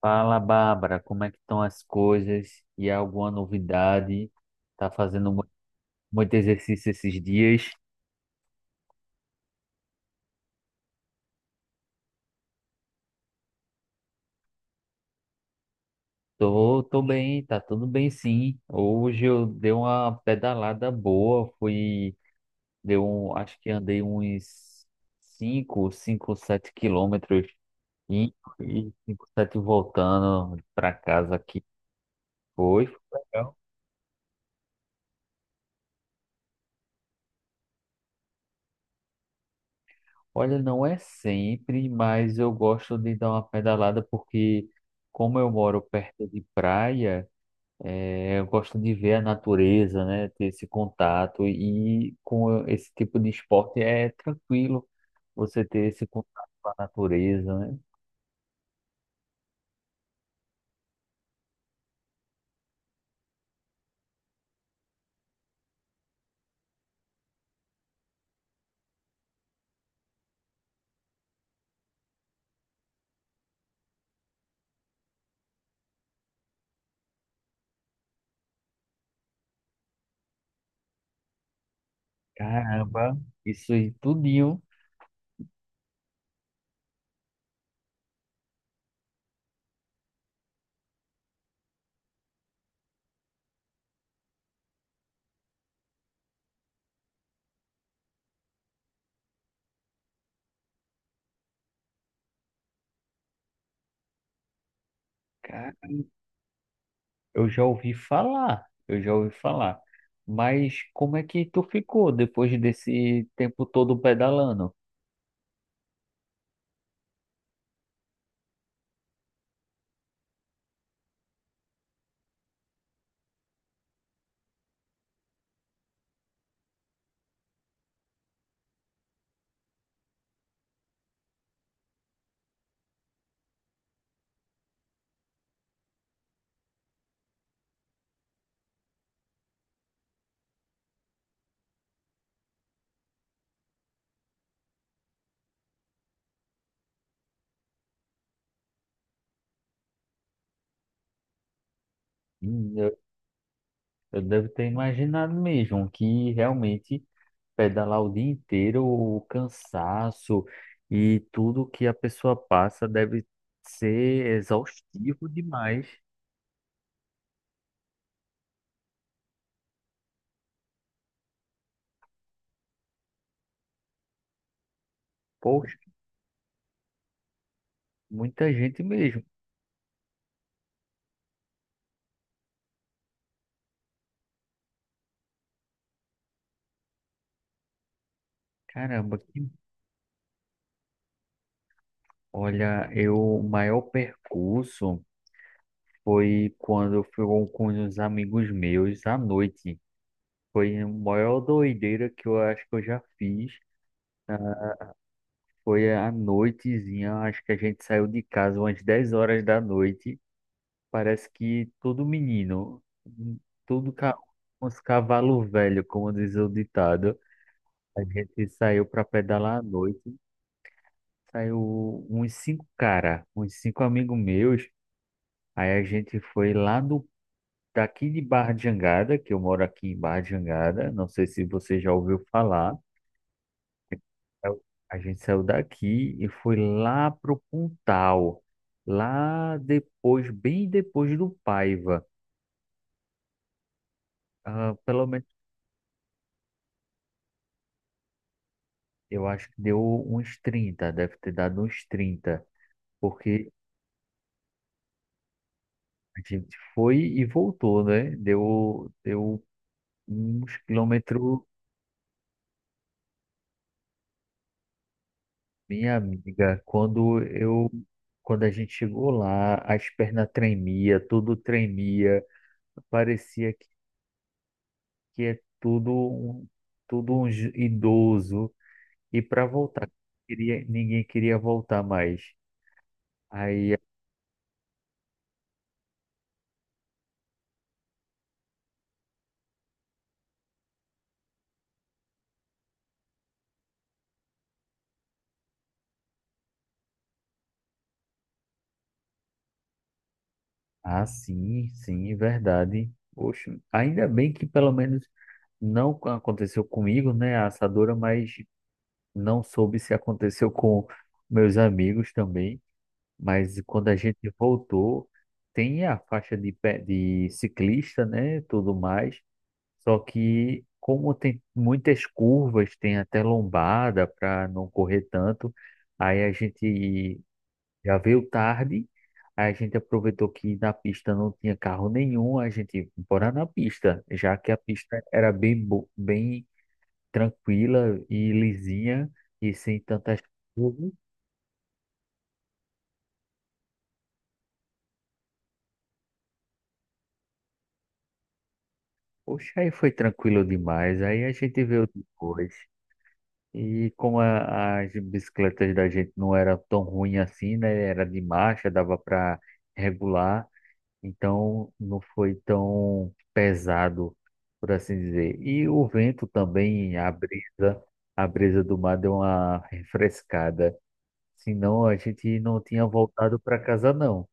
Fala, Bárbara, como é que estão as coisas? E há alguma novidade? Tá fazendo muito exercício esses dias? Tô bem, tá tudo bem sim. Hoje eu dei uma pedalada boa, fui, acho que andei uns cinco, 7 quilômetros e 5, 7 voltando para casa aqui. Foi legal. Olha, não é sempre, mas eu gosto de dar uma pedalada porque, como eu moro perto de praia, eu gosto de ver a natureza, né? Ter esse contato e com esse tipo de esporte é tranquilo você ter esse contato com a natureza, né? Caramba, isso aí tudinho, cara, eu já ouvi falar, eu já ouvi falar. Mas como é que tu ficou depois desse tempo todo pedalando? Eu devo ter imaginado mesmo que realmente pedalar o dia inteiro, o cansaço e tudo que a pessoa passa deve ser exaustivo demais. Poxa, muita gente mesmo. Caramba, olha, o maior percurso foi quando eu fui com os amigos meus à noite. Foi a maior doideira que eu acho que eu já fiz. Foi à noitezinha, acho que a gente saiu de casa umas 10 horas da noite. Parece que todo menino, todo ca... uns cavalo velho, como diz o ditado, a gente saiu para pedalar à noite, saiu uns cinco cara, uns cinco amigos meus, aí a gente foi lá do daqui de Barra de Jangada, que eu moro aqui em Barra de Jangada, não sei se você já ouviu falar. Eu- a gente saiu daqui e foi lá pro Pontal, lá depois, bem depois do Paiva. Ah, pelo menos eu acho que deu uns trinta deve ter dado uns 30 porque a gente foi e voltou, né? Deu uns quilômetros, minha amiga, quando a gente chegou lá, as pernas tremia, tudo tremia, parecia que é tudo, tudo um idoso, e para voltar, ninguém queria voltar mais. Aí. Ah, sim, sim, verdade. Poxa, ainda bem que pelo menos não aconteceu comigo, né, a assadura, mas não soube se aconteceu com meus amigos também. Mas quando a gente voltou, tem a faixa de ciclista, né, tudo mais. Só que como tem muitas curvas, tem até lombada para não correr tanto, aí a gente já veio tarde, aí a gente aproveitou que na pista não tinha carro nenhum, a gente bora na pista, já que a pista era bem tranquila e lisinha e sem tantas curvas. Poxa, aí foi tranquilo demais. Aí a gente veio depois. E como as bicicletas da gente não era tão ruim assim, né? Era de marcha, dava para regular. Então não foi tão pesado, por assim dizer. E o vento também, a brisa do mar deu uma refrescada. Senão a gente não tinha voltado para casa, não.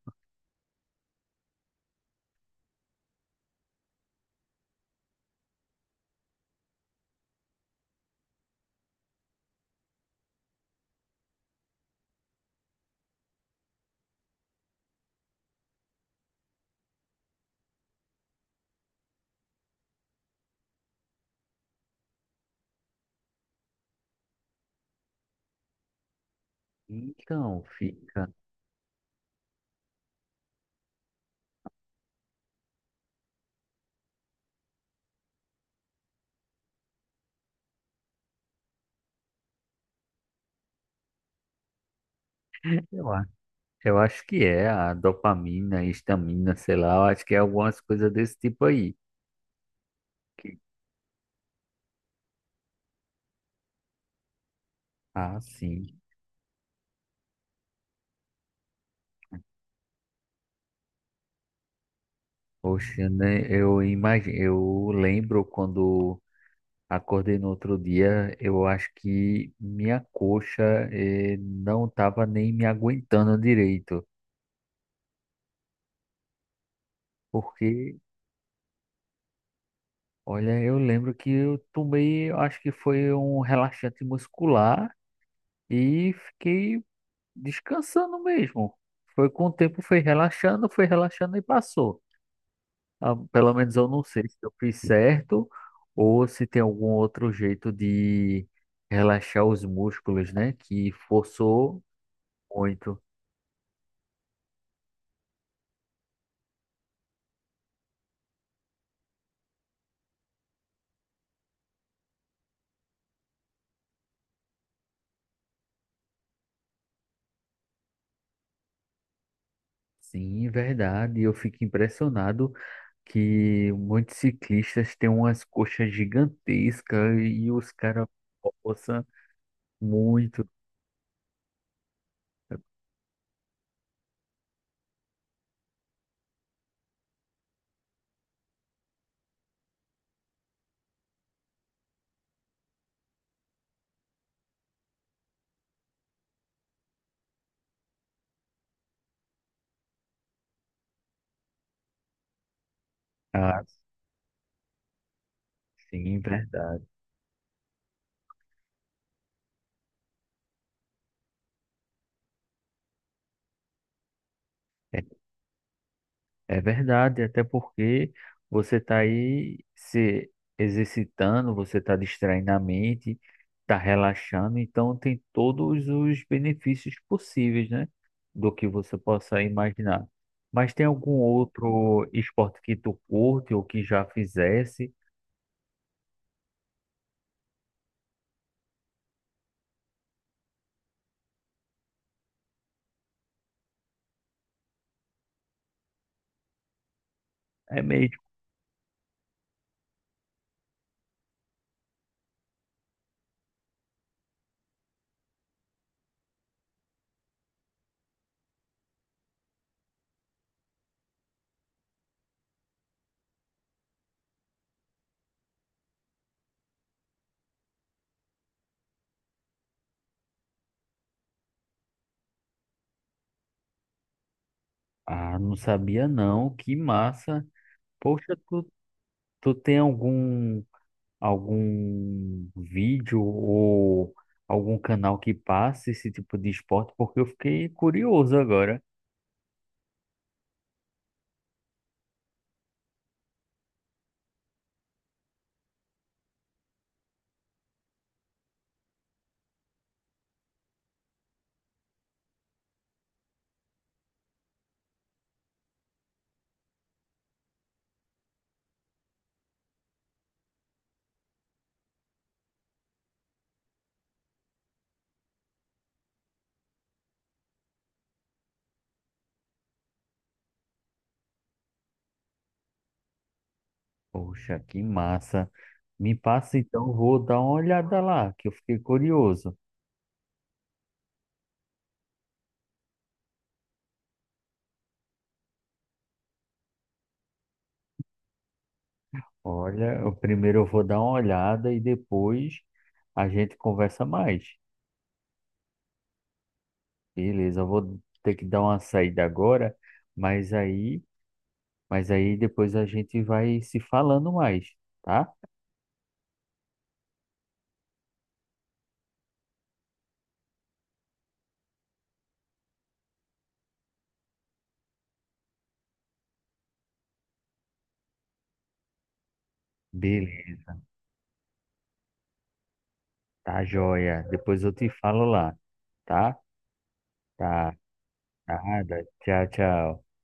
Então fica. Eu acho, eu acho que é a dopamina, a histamina, sei lá. Eu acho que é algumas coisas desse tipo aí. Ah, sim. Poxa, né? Eu imagino, eu lembro quando acordei no outro dia, eu acho que minha coxa não estava nem me aguentando direito, porque, olha, eu lembro que eu tomei, acho que foi um relaxante muscular e fiquei descansando mesmo. Foi com o tempo, foi relaxando e passou. Ah, pelo menos eu não sei se eu fiz certo ou se tem algum outro jeito de relaxar os músculos, né? Que forçou muito. Sim, verdade. Eu fico impressionado que muitos ciclistas têm umas coxas gigantescas e os caras forçam muito. Ah, sim, verdade. É É verdade, até porque você está aí se exercitando, você está distraindo a mente, está relaxando, então tem todos os benefícios possíveis, né? Do que você possa imaginar. Mas tem algum outro esporte que tu curte ou que já fizesse? É mesmo. Ah, não sabia não, que massa. Poxa, tu tem algum vídeo ou algum canal que passe esse tipo de esporte, porque eu fiquei curioso agora. Poxa, que massa. Me passa então, eu vou dar uma olhada lá, que eu fiquei curioso. Olha, eu primeiro eu vou dar uma olhada e depois a gente conversa mais. Beleza, eu vou ter que dar uma saída agora, mas aí, mas aí depois a gente vai se falando mais, tá? Beleza, tá joia. Depois eu te falo lá. Tá? Tá. Tá. Tchau, tchau.